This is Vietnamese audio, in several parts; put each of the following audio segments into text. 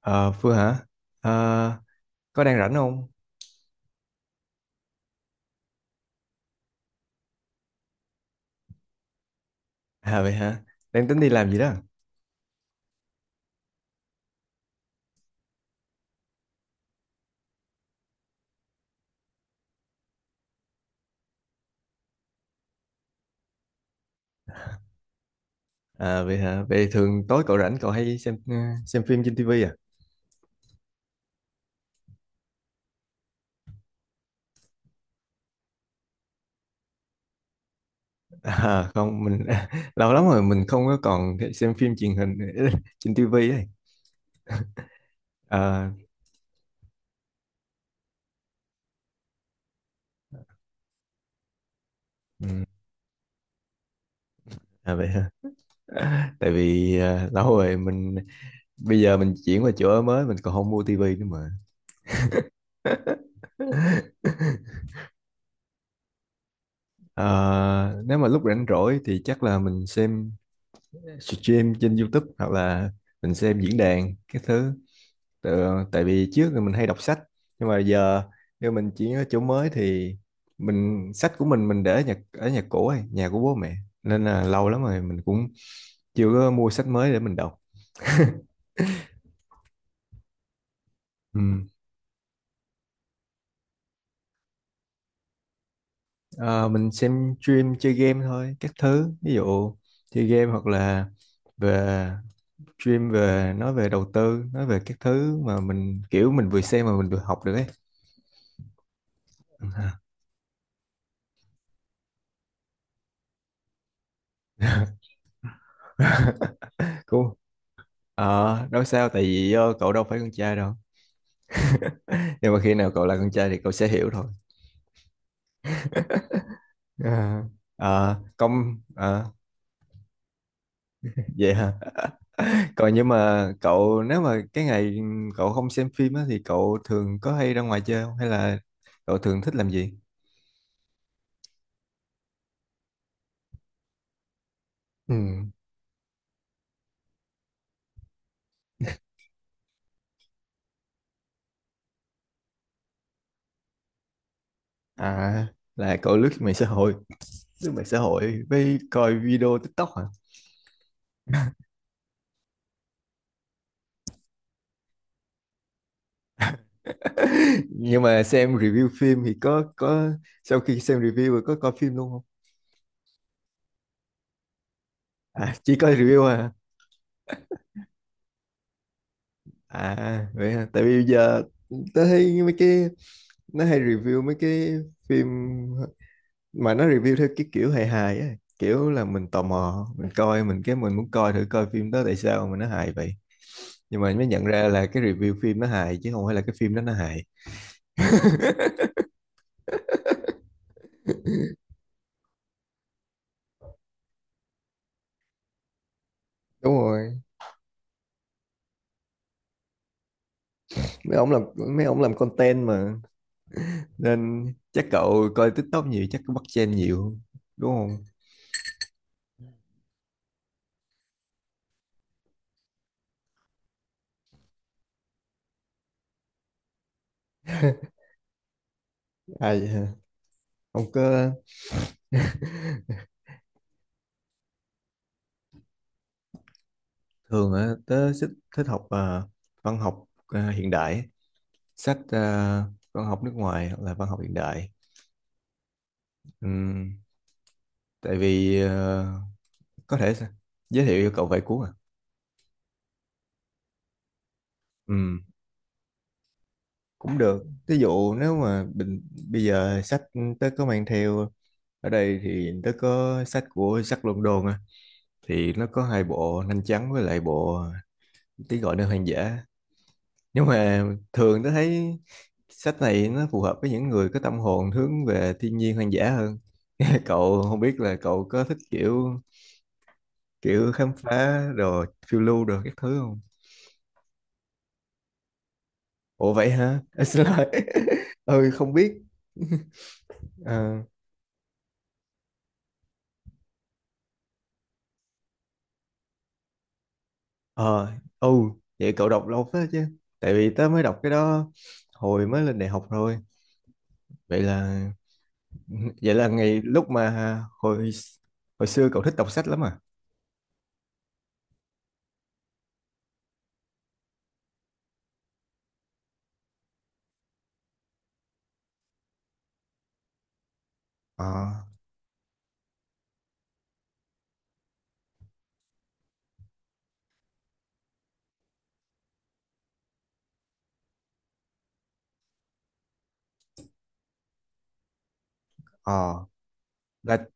Ờ, Phương hả? Ờ, có đang rảnh không? À vậy hả? Đang tính đi làm gì đó? À vậy hả? Vậy thường tối cậu rảnh cậu hay xem phim trên tivi à? À không, mình lâu lắm rồi mình không có còn xem phim truyền hình trên tivi ấy. À, ừm, à vậy hả? Tại vì lâu rồi mình bây giờ mình chuyển qua chỗ ở mới mình còn không mua tivi nữa mà. Ờ, Nếu mà lúc rảnh rỗi thì chắc là mình xem stream trên YouTube hoặc là mình xem diễn đàn cái thứ tự, tại vì trước thì mình hay đọc sách nhưng mà giờ nếu mình chuyển ở chỗ mới thì mình sách của mình để ở nhà cũ ấy, nhà của bố mẹ nên là lâu lắm rồi mình cũng chưa có mua sách mới để mình đọc. Ừ. Ờ, mình xem stream chơi game thôi các thứ ví dụ chơi game hoặc là về stream về nói về đầu tư nói về các thứ mà mình kiểu mình vừa xem mà mình vừa học được ấy. cũng Ờ, nói sao tại vì cậu đâu phải con trai đâu. Nhưng mà khi nào cậu là con trai thì cậu sẽ hiểu thôi. À, à, vậy hả? Còn nhưng mà cậu nếu mà cái ngày cậu không xem phim á thì cậu thường có hay ra ngoài chơi không hay là cậu thường thích làm gì? Ừ. À, là cậu lướt mạng xã hội với coi video TikTok hả? Nhưng mà xem review phim thì có sau khi xem review rồi có coi phim luôn không? À, chỉ coi review à? À vậy hả? Tại vì giờ tớ thấy mấy cái nó hay review mấy cái phim mà nó review theo cái kiểu hài hài á, kiểu là mình tò mò, mình coi mình cái mình muốn coi thử coi phim đó tại sao mà nó hài vậy. Nhưng mà mới nhận ra là cái review phim nó hài chứ không phải là cái phim đó nó hài. Đúng rồi, mấy ông làm mấy ông làm content mà nên chắc cậu coi TikTok nhiều chắc cũng bắt trend nhiều đúng không? À vậy hả? Ông có Thường á tớ thích thích văn học à, hiện đại á. Sách văn học nước ngoài hoặc là văn học hiện đại. Ừm, Tại vì có thể sẽ giới thiệu cho cậu vài cuốn à. Ừm, Cũng được ví dụ nếu mà bây giờ sách tớ có mang theo ở đây thì tớ có sách của Jack London á thì nó có hai bộ Nanh Trắng với lại bộ Tiếng gọi nơi hoang dã nhưng mà thường tớ thấy sách này nó phù hợp với những người có tâm hồn hướng về thiên nhiên hoang dã hơn. Cậu không biết là cậu có thích kiểu kiểu khám phá đồ phiêu lưu đồ các thứ không? Ủa vậy hả? À, xin lỗi. Ừ, không biết. ờ ờ ừ Vậy cậu đọc lâu phết chứ tại vì tớ mới đọc cái đó hồi mới lên đại học rồi vậy là vậy là ngày lúc mà hồi hồi xưa cậu thích đọc sách lắm à? ờ ờ là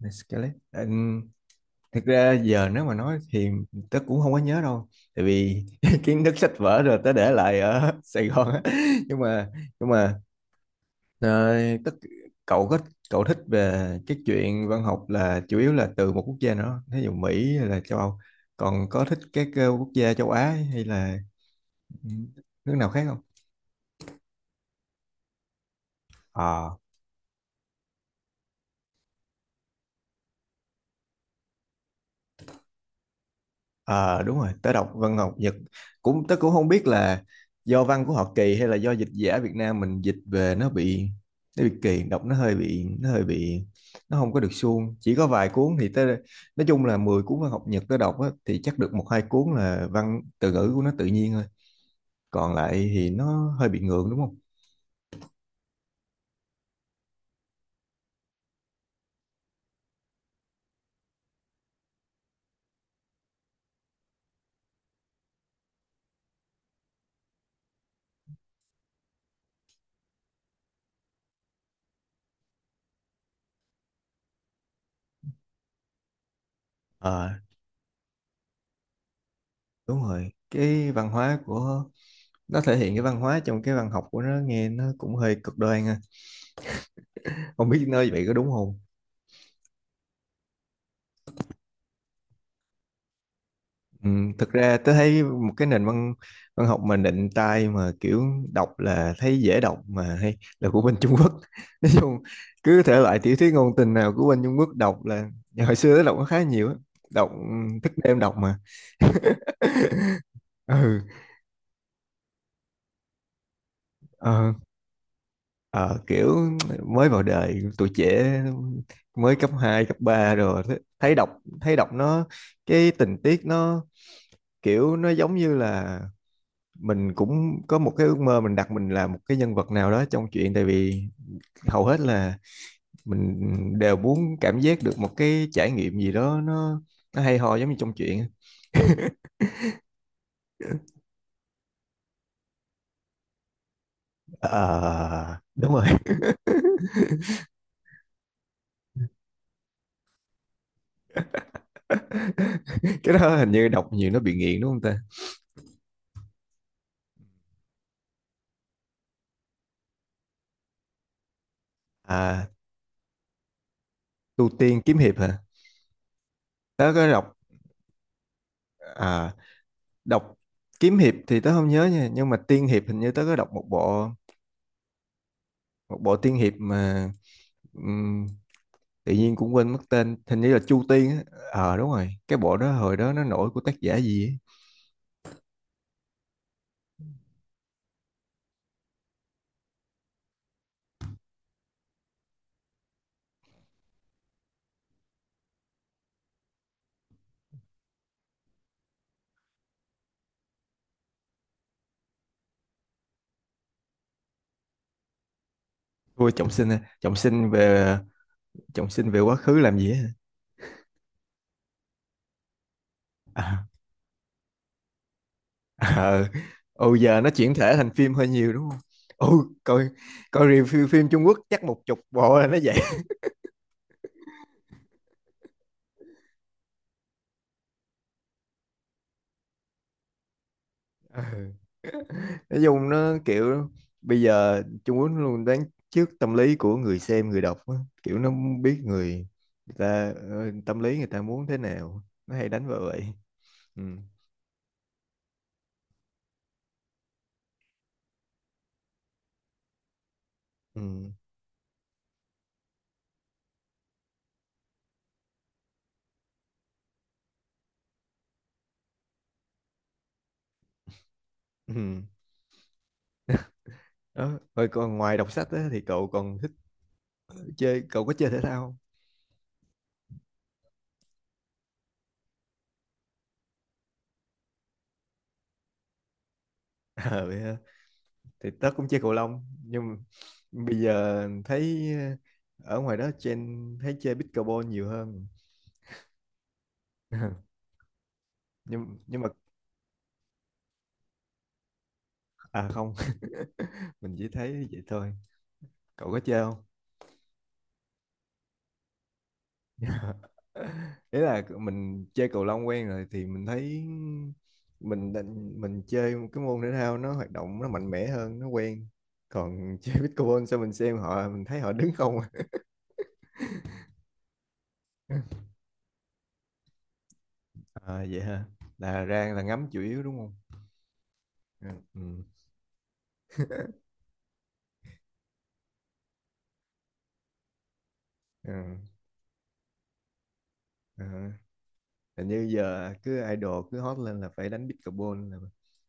là Scarlett. Ừ, thực ra giờ nếu mà nói thì tớ cũng không có nhớ đâu tại vì kiến thức sách vở rồi tớ để lại ở Sài Gòn á nhưng mà nhưng mà đấy, cậu thích cậu thích về cái chuyện văn học là chủ yếu là từ một quốc gia nữa, thí dụ Mỹ hay là châu Âu. Còn có thích các quốc gia châu Á hay là nước nào khác không? Ờ, ờ, Đúng rồi, tớ đọc văn học Nhật cũng tớ cũng không biết là do văn của họ kỳ hay là do dịch giả Việt Nam mình dịch về nó bị kỳ, đọc nó hơi bị nó không có được suông. Chỉ có vài cuốn thì tớ nói chung là 10 cuốn văn học Nhật tớ đọc á, thì chắc được một hai cuốn là văn từ ngữ của nó tự nhiên thôi còn lại thì nó hơi bị ngược đúng không? Ờ, đúng rồi, cái văn hóa của nó thể hiện cái văn hóa trong cái văn học của nó nghe nó cũng hơi cực đoan ha, không biết nơi vậy có đúng không. Ừ, thực ra tôi thấy một cái nền văn văn học mà nịnh tai mà kiểu đọc là thấy dễ đọc mà hay là của bên Trung Quốc. Nói chung cứ thể loại tiểu thuyết ngôn tình nào của bên Trung Quốc đọc là hồi xưa tôi đọc nó khá nhiều á đọc thức đêm đọc mà. Ừ. ờ, Ờ, Kiểu mới vào đời tuổi trẻ mới cấp 2 cấp 3 rồi thấy đọc nó cái tình tiết nó kiểu nó giống như là mình cũng có một cái ước mơ mình đặt mình là một cái nhân vật nào đó trong chuyện tại vì hầu hết là mình đều muốn cảm giác được một cái trải nghiệm gì đó nó hay ho giống như trong chuyện. Ờ, đúng rồi. Cái đó hình như đọc nhiều nó bị nghiện đúng không ta? À, tu tiên kiếm hiệp hả, tớ có đọc. à, Đọc kiếm hiệp thì tớ không nhớ nha nhưng mà tiên hiệp hình như tớ có đọc một bộ tiên hiệp mà ừm, tự nhiên cũng quên mất tên hình như là Chu Tiên á. Ờ đúng rồi, cái bộ đó hồi đó nó nổi của tác giả gì á. Vua Trọng Sinh à? Trọng Sinh về quá khứ làm gì á? À, ờ giờ nó chuyển thể thành phim hơi nhiều đúng không? Ừ. coi coi review phim Trung Quốc chắc một chục bộ là nó vậy. Ờ. Nói chung nó kiểu bây giờ Trung Quốc nó luôn đoán trước tâm lý của người xem người đọc á. Kiểu nó biết người ta tâm lý người ta muốn thế nào nó hay đánh vào vậy. Ừ. Ừ. Ừ. Đó. Rồi còn ngoài đọc sách á, thì cậu còn thích cậu có chơi thể thao không? Ờ, vậy hả? Thì tớ cũng chơi cầu lông nhưng mà bây giờ thấy ở ngoài đó thấy chơi pickleball nhiều hơn. Nhưng mà à không. Mình chỉ thấy vậy thôi, cậu có chơi không? Ý là mình chơi cầu lông quen rồi thì mình thấy mình định mình chơi cái môn thể thao nó hoạt động nó mạnh mẽ hơn nó quen, còn chơi pickleball sao mình xem họ mình thấy họ đứng không à. À, vậy hả, là ra là ngắm chủ yếu đúng không? Ừ. Ừ. Ừ. Ờ. Hình như giờ cứ idol cứ hot lên là phải đánh pickleball là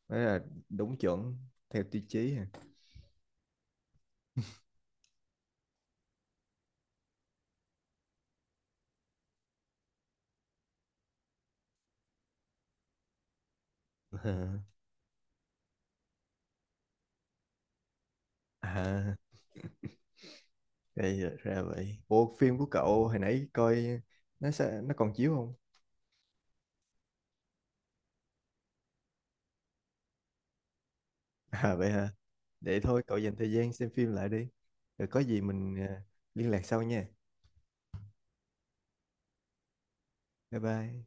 mới là đúng chuẩn theo tiêu chí hả? À. Gây ra vậy. Ủa phim của cậu hồi nãy coi nó còn chiếu không? À vậy hả? Để thôi cậu dành thời gian xem phim lại đi. Rồi có gì mình liên lạc sau nha. Bye bye.